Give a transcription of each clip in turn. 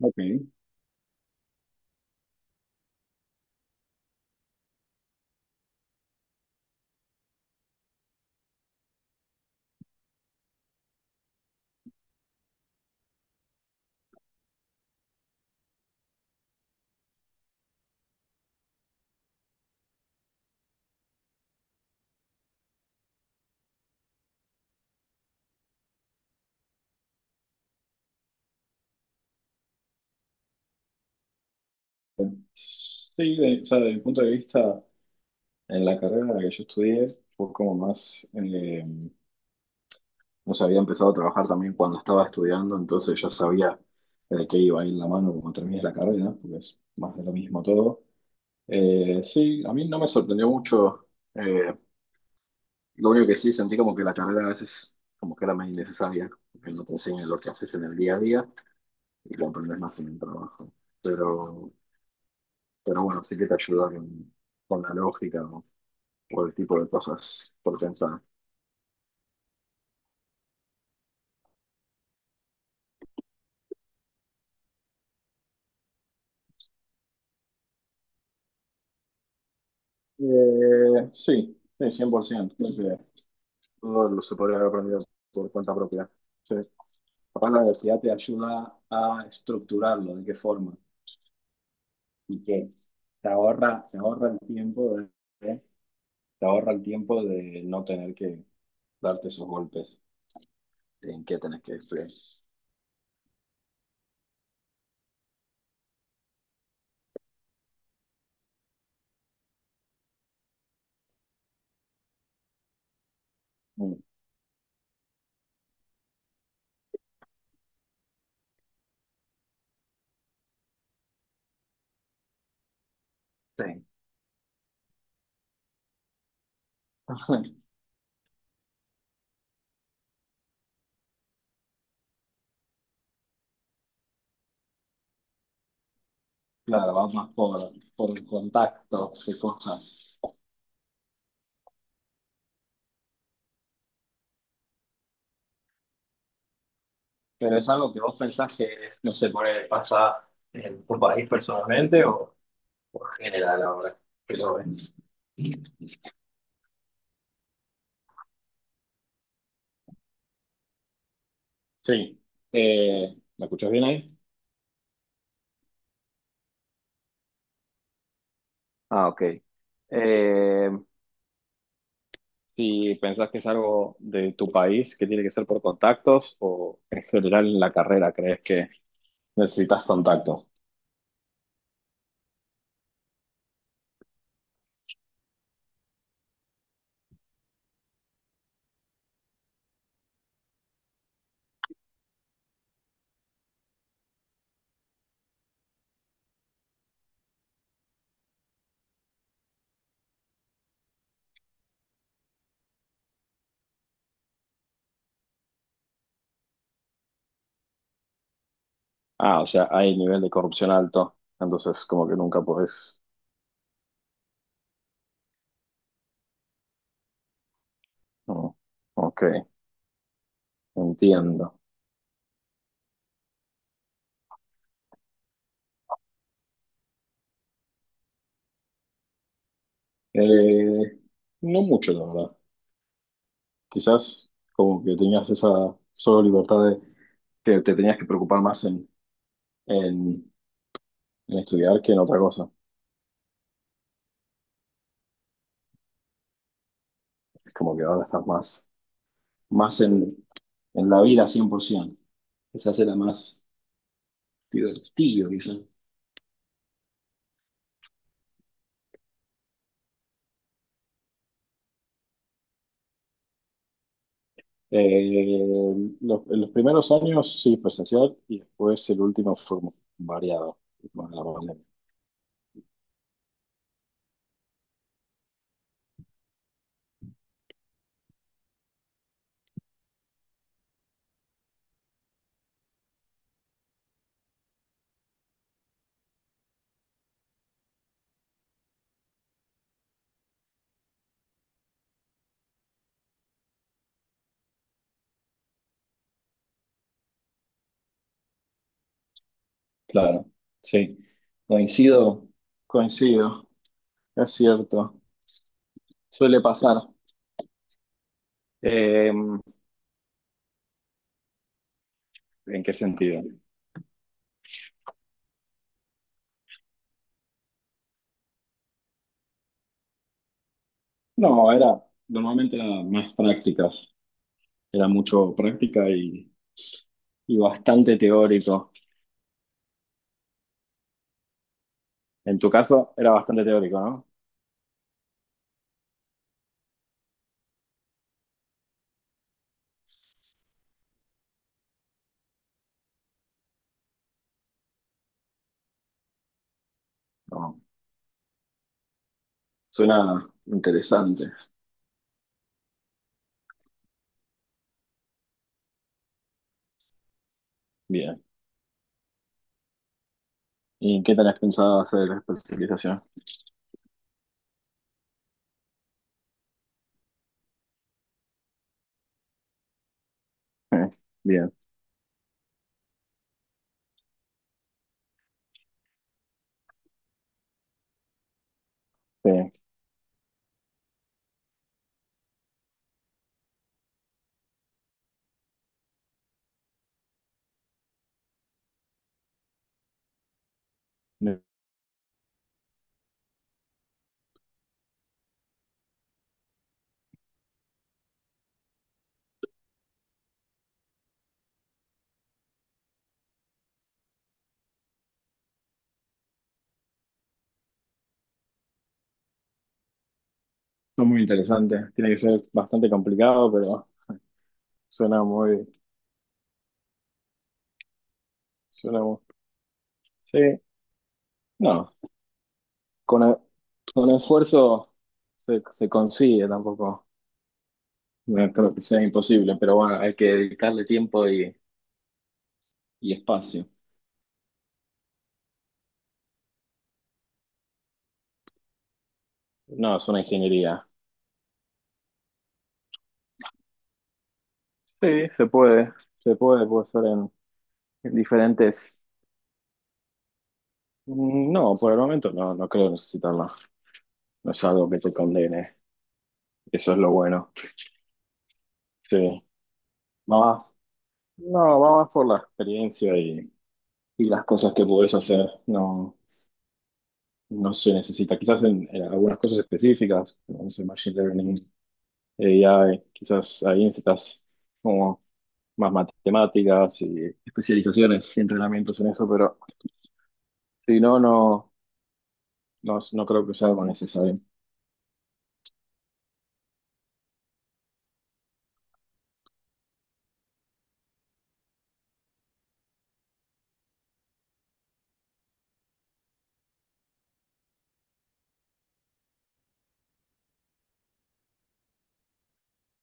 Ok. Sí, desde mi punto de vista, en la carrera en la que yo estudié, fue como más, no sé, había empezado a trabajar también cuando estaba estudiando, entonces ya sabía de qué iba a ir la mano cuando terminé la carrera, porque es más de lo mismo todo. Sí, a mí no me sorprendió mucho, eh, lo único que sí sentí como que la carrera a veces como que era más innecesaria, porque no te enseñan lo que haces en el día a día y lo aprendes más en el trabajo. Pero, pero bueno, sí que te ayuda con la lógica, ¿no? Por el tipo de cosas por pensar. Sí, 100%. Creo que todo lo se podría haber aprendido por cuenta propia. Sí. Capaz la universidad te ayuda a estructurarlo, de qué forma y qué. Te ahorra el tiempo de te ahorra el tiempo de no tener que darte esos golpes. ¿En qué tenés que estudiar? Mm. Sí. Claro, vamos más por el contacto de cosas. Pero es algo que vos pensás que, no sé, por ahí pasa en tu país personalmente o en general ahora que lo ves. Sí. ¿Me escuchas bien ahí? Ah, ok. Eh, Si pensás que es algo de tu país que tiene que ser por contactos o en general en la carrera crees que necesitas contactos. Ah, o sea, hay nivel de corrupción alto, entonces como que nunca podés. No. Ok, entiendo. Eh, no mucho, la verdad. Quizás como que tenías esa solo libertad de que te tenías que preocupar más en, en estudiar que en otra cosa. Es como que ahora estás más, más en la vida 100%. Quizás era más divertido, quizás. Eh, en los primeros años sí, presencial, y después el último fue como variado con la pandemia. Claro, sí. Coincido, coincido, es cierto. Suele pasar. Eh, ¿En qué sentido? No, era, normalmente era más prácticas. Era mucho práctica y bastante teórico. En tu caso, era bastante teórico, ¿no? No, suena interesante. Bien. ¿Y qué tenés pensado hacer la especialización? Eh, Bien, sí. Son muy interesantes. Tiene que ser bastante complicado, pero suena muy, suena muy. Sí, no, con, e- con esfuerzo se, se consigue tampoco. No creo que sea imposible, pero bueno, hay que dedicarle tiempo y espacio. No, es una ingeniería. Sí, se puede, puede ser en diferentes... No, por el momento no, no creo necesitarla. No es algo que te condene, eso es lo bueno. Sí, va más, no, va más por la experiencia y las cosas que puedes hacer. No, no se necesita. Quizás en algunas cosas específicas, como no sé, Machine Learning, AI, quizás ahí necesitas como más matemáticas y especializaciones y entrenamientos en eso, pero si no, no creo que sea algo necesario.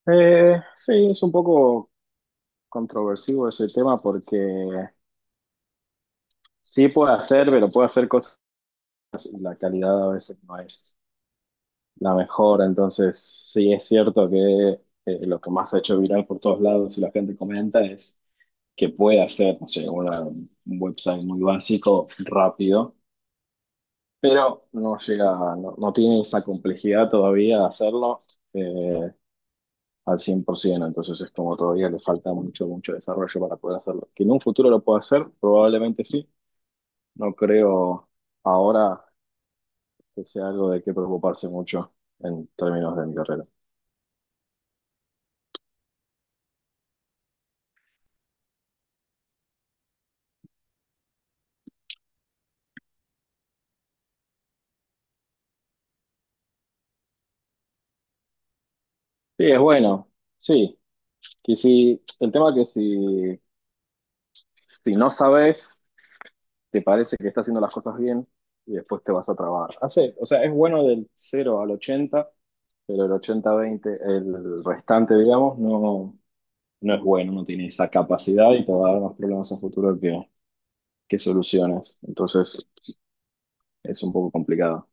Sí, es un poco controversivo ese tema porque sí puede hacer, pero puede hacer cosas y la calidad a veces no es la mejor, entonces sí es cierto que lo que más se ha hecho viral por todos lados y la gente comenta es que puede hacer, no sé, un website muy básico, rápido, pero no llega, no tiene esa complejidad todavía de hacerlo eh, al 100%, entonces es como todavía le falta mucho, mucho desarrollo para poder hacerlo. Que en un futuro lo pueda hacer, probablemente sí, no creo ahora que sea algo de qué preocuparse mucho en términos de mi carrera. Sí, es bueno, sí, que si, el tema es que si, si no sabes te parece que está haciendo las cosas bien y después te vas a trabajar. Hace, o sea, es bueno del cero al ochenta, pero el ochenta veinte, el restante, digamos, no, no es bueno, no tiene esa capacidad y te va a dar más problemas en futuro que soluciones. Entonces, es un poco complicado.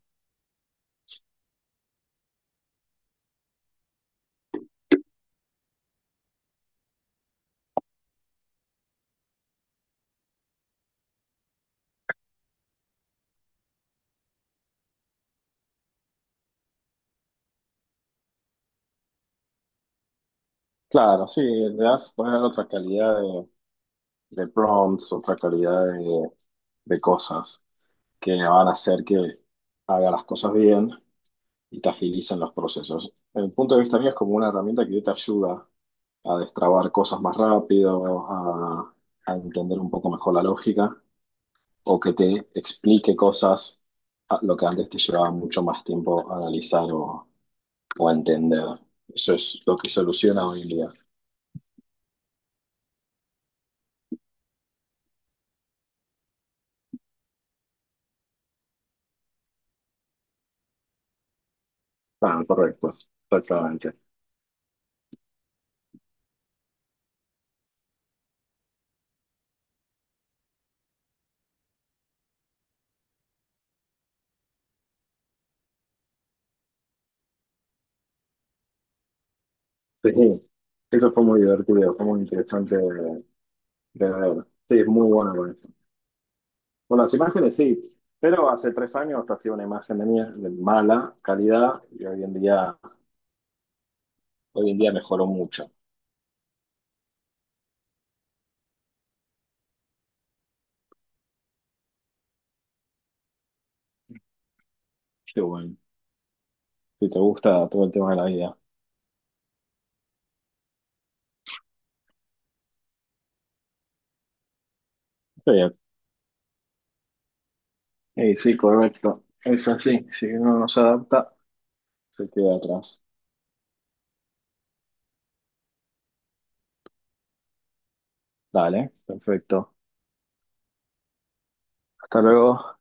Claro, sí, le das poner otra calidad de prompts, otra calidad de cosas que van a hacer que haga las cosas bien y te agilizan los procesos. En el punto de vista mío es como una herramienta que te ayuda a destrabar cosas más rápido, a entender un poco mejor la lógica o que te explique cosas, lo que antes te llevaba mucho más tiempo a analizar o a entender. Eso es lo que soluciona hoy en día. Ah, correcto, exactamente. Sí, eso fue muy divertido, fue muy interesante de ver. Sí, es muy bueno. Con las imágenes sí, pero hace 3 años hacía una imagen de mía de mala calidad y hoy en día mejoró mucho. Qué bueno. Si te gusta todo el tema de la vida. Sí, sí, correcto. Es así. Si uno no se adapta, se queda atrás. Dale, perfecto. Hasta luego.